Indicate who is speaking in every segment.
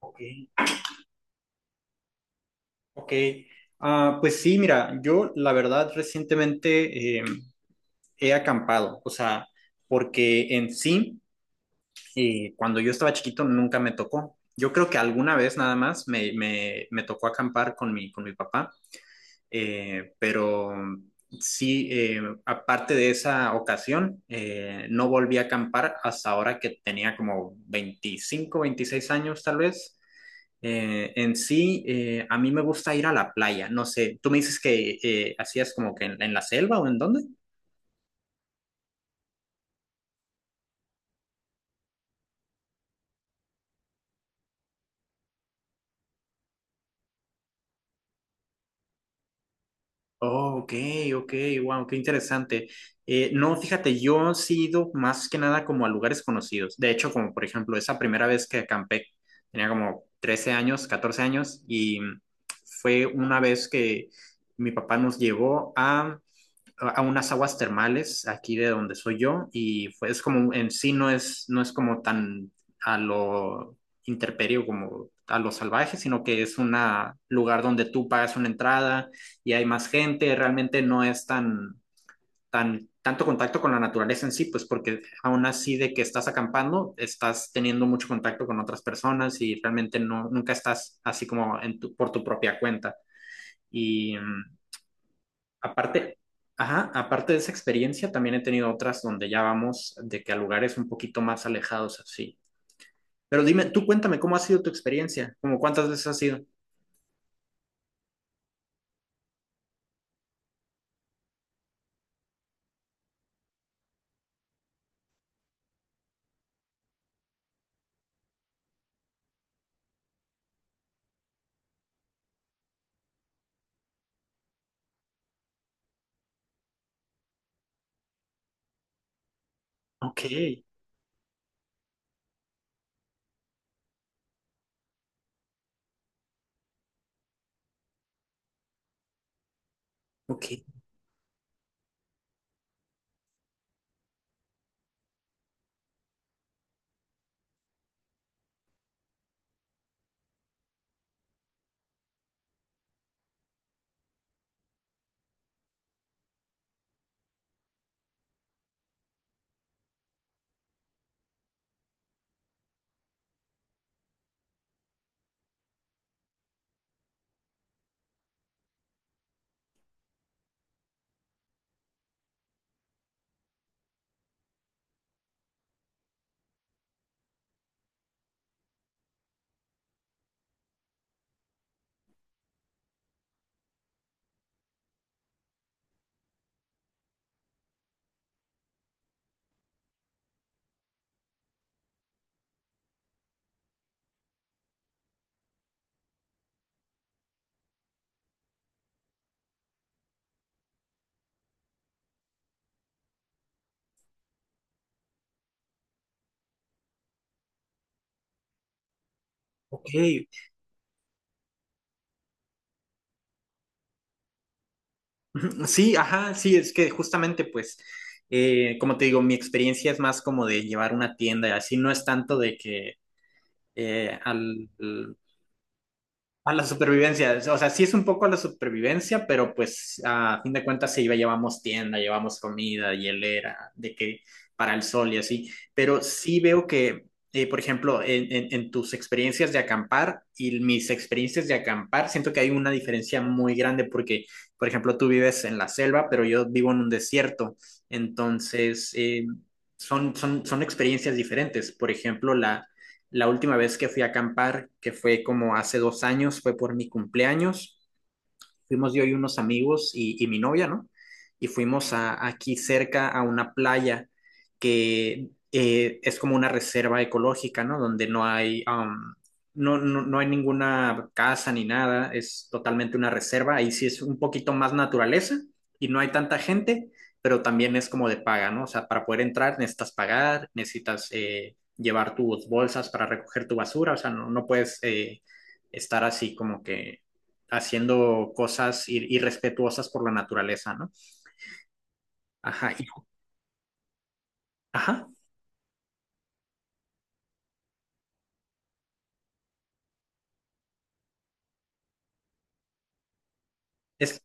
Speaker 1: Ok, ok. Ah, pues sí, mira, yo la verdad recientemente he acampado, o sea, porque en sí, cuando yo estaba chiquito nunca me tocó. Yo creo que alguna vez nada más me tocó acampar con mi papá, pero sí, aparte de esa ocasión, no volví a acampar hasta ahora que tenía como 25 26 años tal vez. En sí, a mí me gusta ir a la playa. No sé, tú me dices que hacías como que en la selva o en dónde. Oh, ok, ok, wow, qué interesante. No, fíjate, yo sí he ido más que nada como a lugares conocidos. De hecho, como por ejemplo, esa primera vez que acampé, tenía como 13 años, 14 años, y fue una vez que mi papá nos llevó a unas aguas termales aquí de donde soy yo y fue, es como en sí no es como tan a lo interperio como a lo salvaje, sino que es un lugar donde tú pagas una entrada y hay más gente, realmente no es tanto contacto con la naturaleza en sí, pues porque aún así de que estás acampando, estás teniendo mucho contacto con otras personas y realmente no, nunca estás así como en por tu propia cuenta. Y mm, Aparte, ajá, aparte de esa experiencia, también he tenido otras donde ya vamos de que a lugares un poquito más alejados así. Pero dime, tú cuéntame, ¿cómo ha sido tu experiencia? ¿Cómo cuántas veces has ido? Ok, ok, ok. Sí, ajá, sí, es que justamente pues, como te digo, mi experiencia es más como de llevar una tienda y así, no es tanto de que eh, al, a la supervivencia, o sea, sí es un poco a la supervivencia, pero pues a fin de cuentas se iba, llevamos tienda, llevamos comida, hielera, de que para el sol y así, pero sí veo que, por ejemplo, en, en tus experiencias de acampar y mis experiencias de acampar, siento que hay una diferencia muy grande porque, por ejemplo, tú vives en la selva, pero yo vivo en un desierto, entonces son experiencias diferentes, por ejemplo, la última vez que fui a acampar, que fue como hace dos años, fue por mi cumpleaños, fuimos yo y unos amigos y mi novia, ¿no? Y fuimos a, aquí cerca a una playa que es como una reserva ecológica, ¿no? Donde no hay, um, no, no, no hay ninguna casa ni nada, es totalmente una reserva. Ahí sí es un poquito más naturaleza y no hay tanta gente, pero también es como de paga, ¿no? O sea, para poder entrar necesitas pagar, necesitas llevar tus bolsas para recoger tu basura, o sea, no puedes estar así como que haciendo cosas ir irrespetuosas por la naturaleza, ¿no? Ajá, ajá. Es,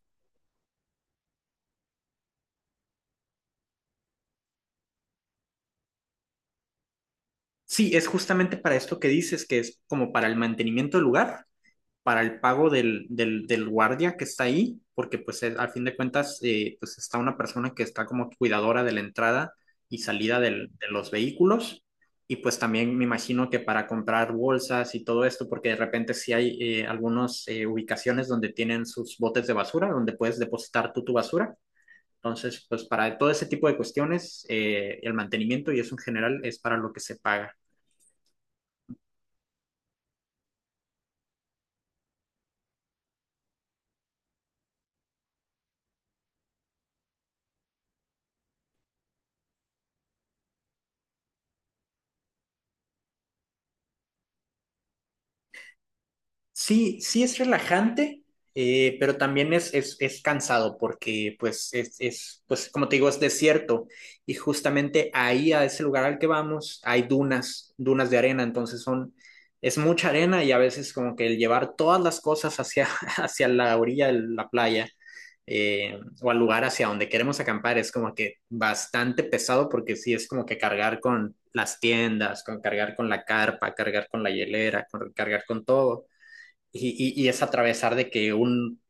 Speaker 1: sí, es justamente para esto que dices, que es como para el mantenimiento del lugar, para el pago del guardia que está ahí, porque pues es, al fin de cuentas, pues está una persona que está como cuidadora de la entrada y salida de los vehículos. Y pues también me imagino que para comprar bolsas y todo esto, porque de repente sí hay algunas ubicaciones donde tienen sus botes de basura, donde puedes depositar tú tu basura. Entonces, pues para todo ese tipo de cuestiones, el mantenimiento y eso en general es para lo que se paga. Sí, sí es relajante, pero también es cansado porque, pues, pues, como te digo, es desierto y justamente ahí, a ese lugar al que vamos, hay dunas, dunas de arena, entonces son, es mucha arena y a veces como que el llevar todas las cosas hacia, hacia la orilla de la playa o al lugar hacia donde queremos acampar es como que bastante pesado porque sí es como que cargar con las tiendas, con cargar con la carpa, cargar con la hielera, cargar con todo. Y, y es atravesar de que un,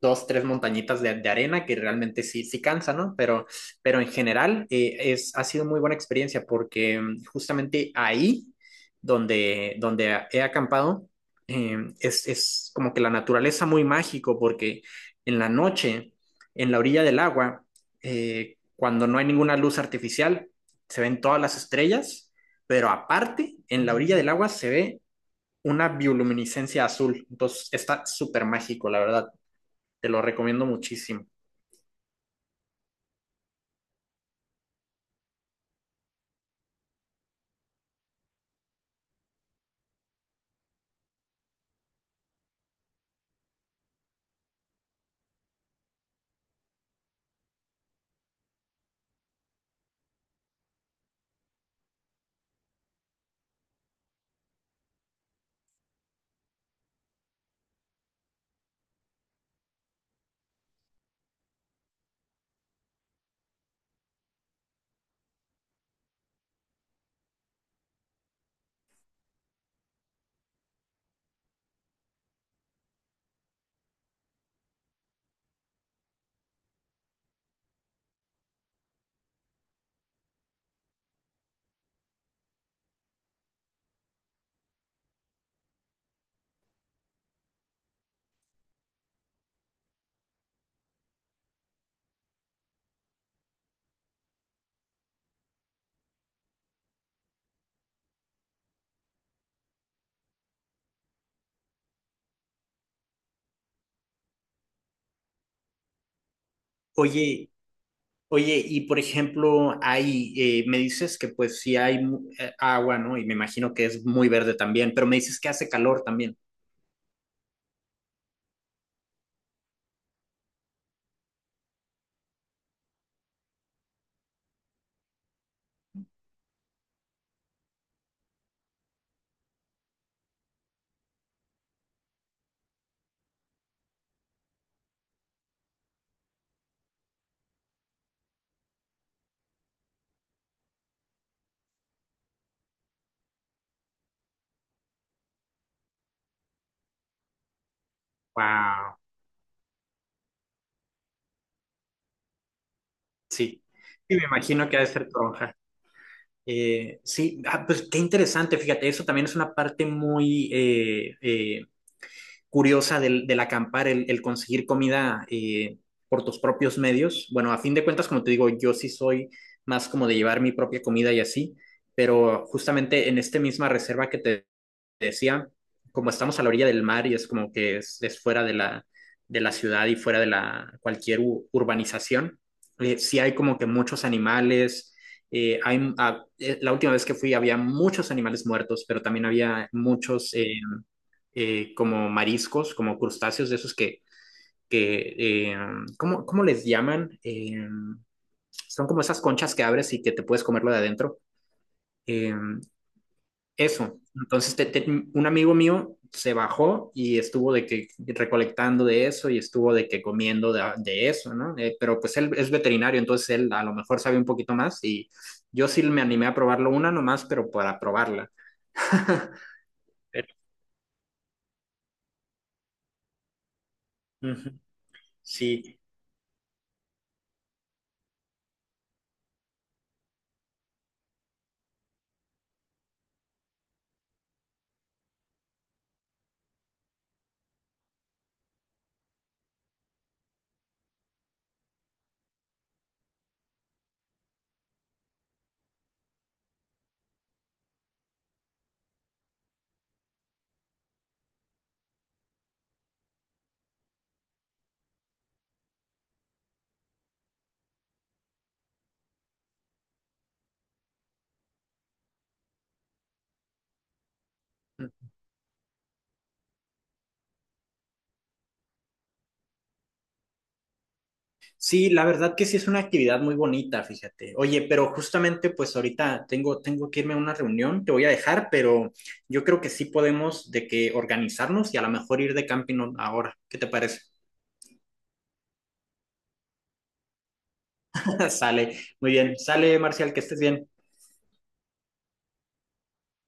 Speaker 1: dos, tres montañitas de arena que realmente sí, sí cansa, ¿no? Pero en general ha sido muy buena experiencia porque justamente ahí donde he acampado es como que la naturaleza muy mágico porque en la noche, en la orilla del agua, cuando no hay ninguna luz artificial, se ven todas las estrellas, pero aparte, en la orilla del agua se ve una bioluminiscencia azul. Entonces está súper mágico, la verdad. Te lo recomiendo muchísimo. Oye, oye, y por ejemplo, me dices que pues sí hay agua, ¿no? Y me imagino que es muy verde también, pero me dices que hace calor también. Wow, sí. Sí, me imagino que ha de ser toronja. Sí, ah, pues qué interesante, fíjate, eso también es una parte muy curiosa del acampar, el conseguir comida por tus propios medios. Bueno, a fin de cuentas, como te digo, yo sí soy más como de llevar mi propia comida y así, pero justamente en esta misma reserva que te decía, como estamos a la orilla del mar y es como que es fuera de la ciudad y fuera de la cualquier urbanización, sí hay como que muchos animales. La última vez que fui había muchos animales muertos, pero también había muchos como mariscos, como crustáceos de esos que ¿cómo les llaman? Son como esas conchas que abres y que te puedes comerlo de adentro. Eh, Eso. Entonces, un amigo mío se bajó y estuvo de que recolectando de eso y estuvo de que comiendo de eso, ¿no? Pero pues él es veterinario, entonces él a lo mejor sabe un poquito más y yo sí me animé a probarlo una nomás, pero para probarla. Pero, ujú, sí. Sí, la verdad que sí es una actividad muy bonita, fíjate. Oye, pero justamente pues ahorita tengo que irme a una reunión, te voy a dejar, pero yo creo que sí podemos de que organizarnos y a lo mejor ir de camping ahora. ¿Qué te parece? Sale, muy bien. Sale, Marcial, que estés bien.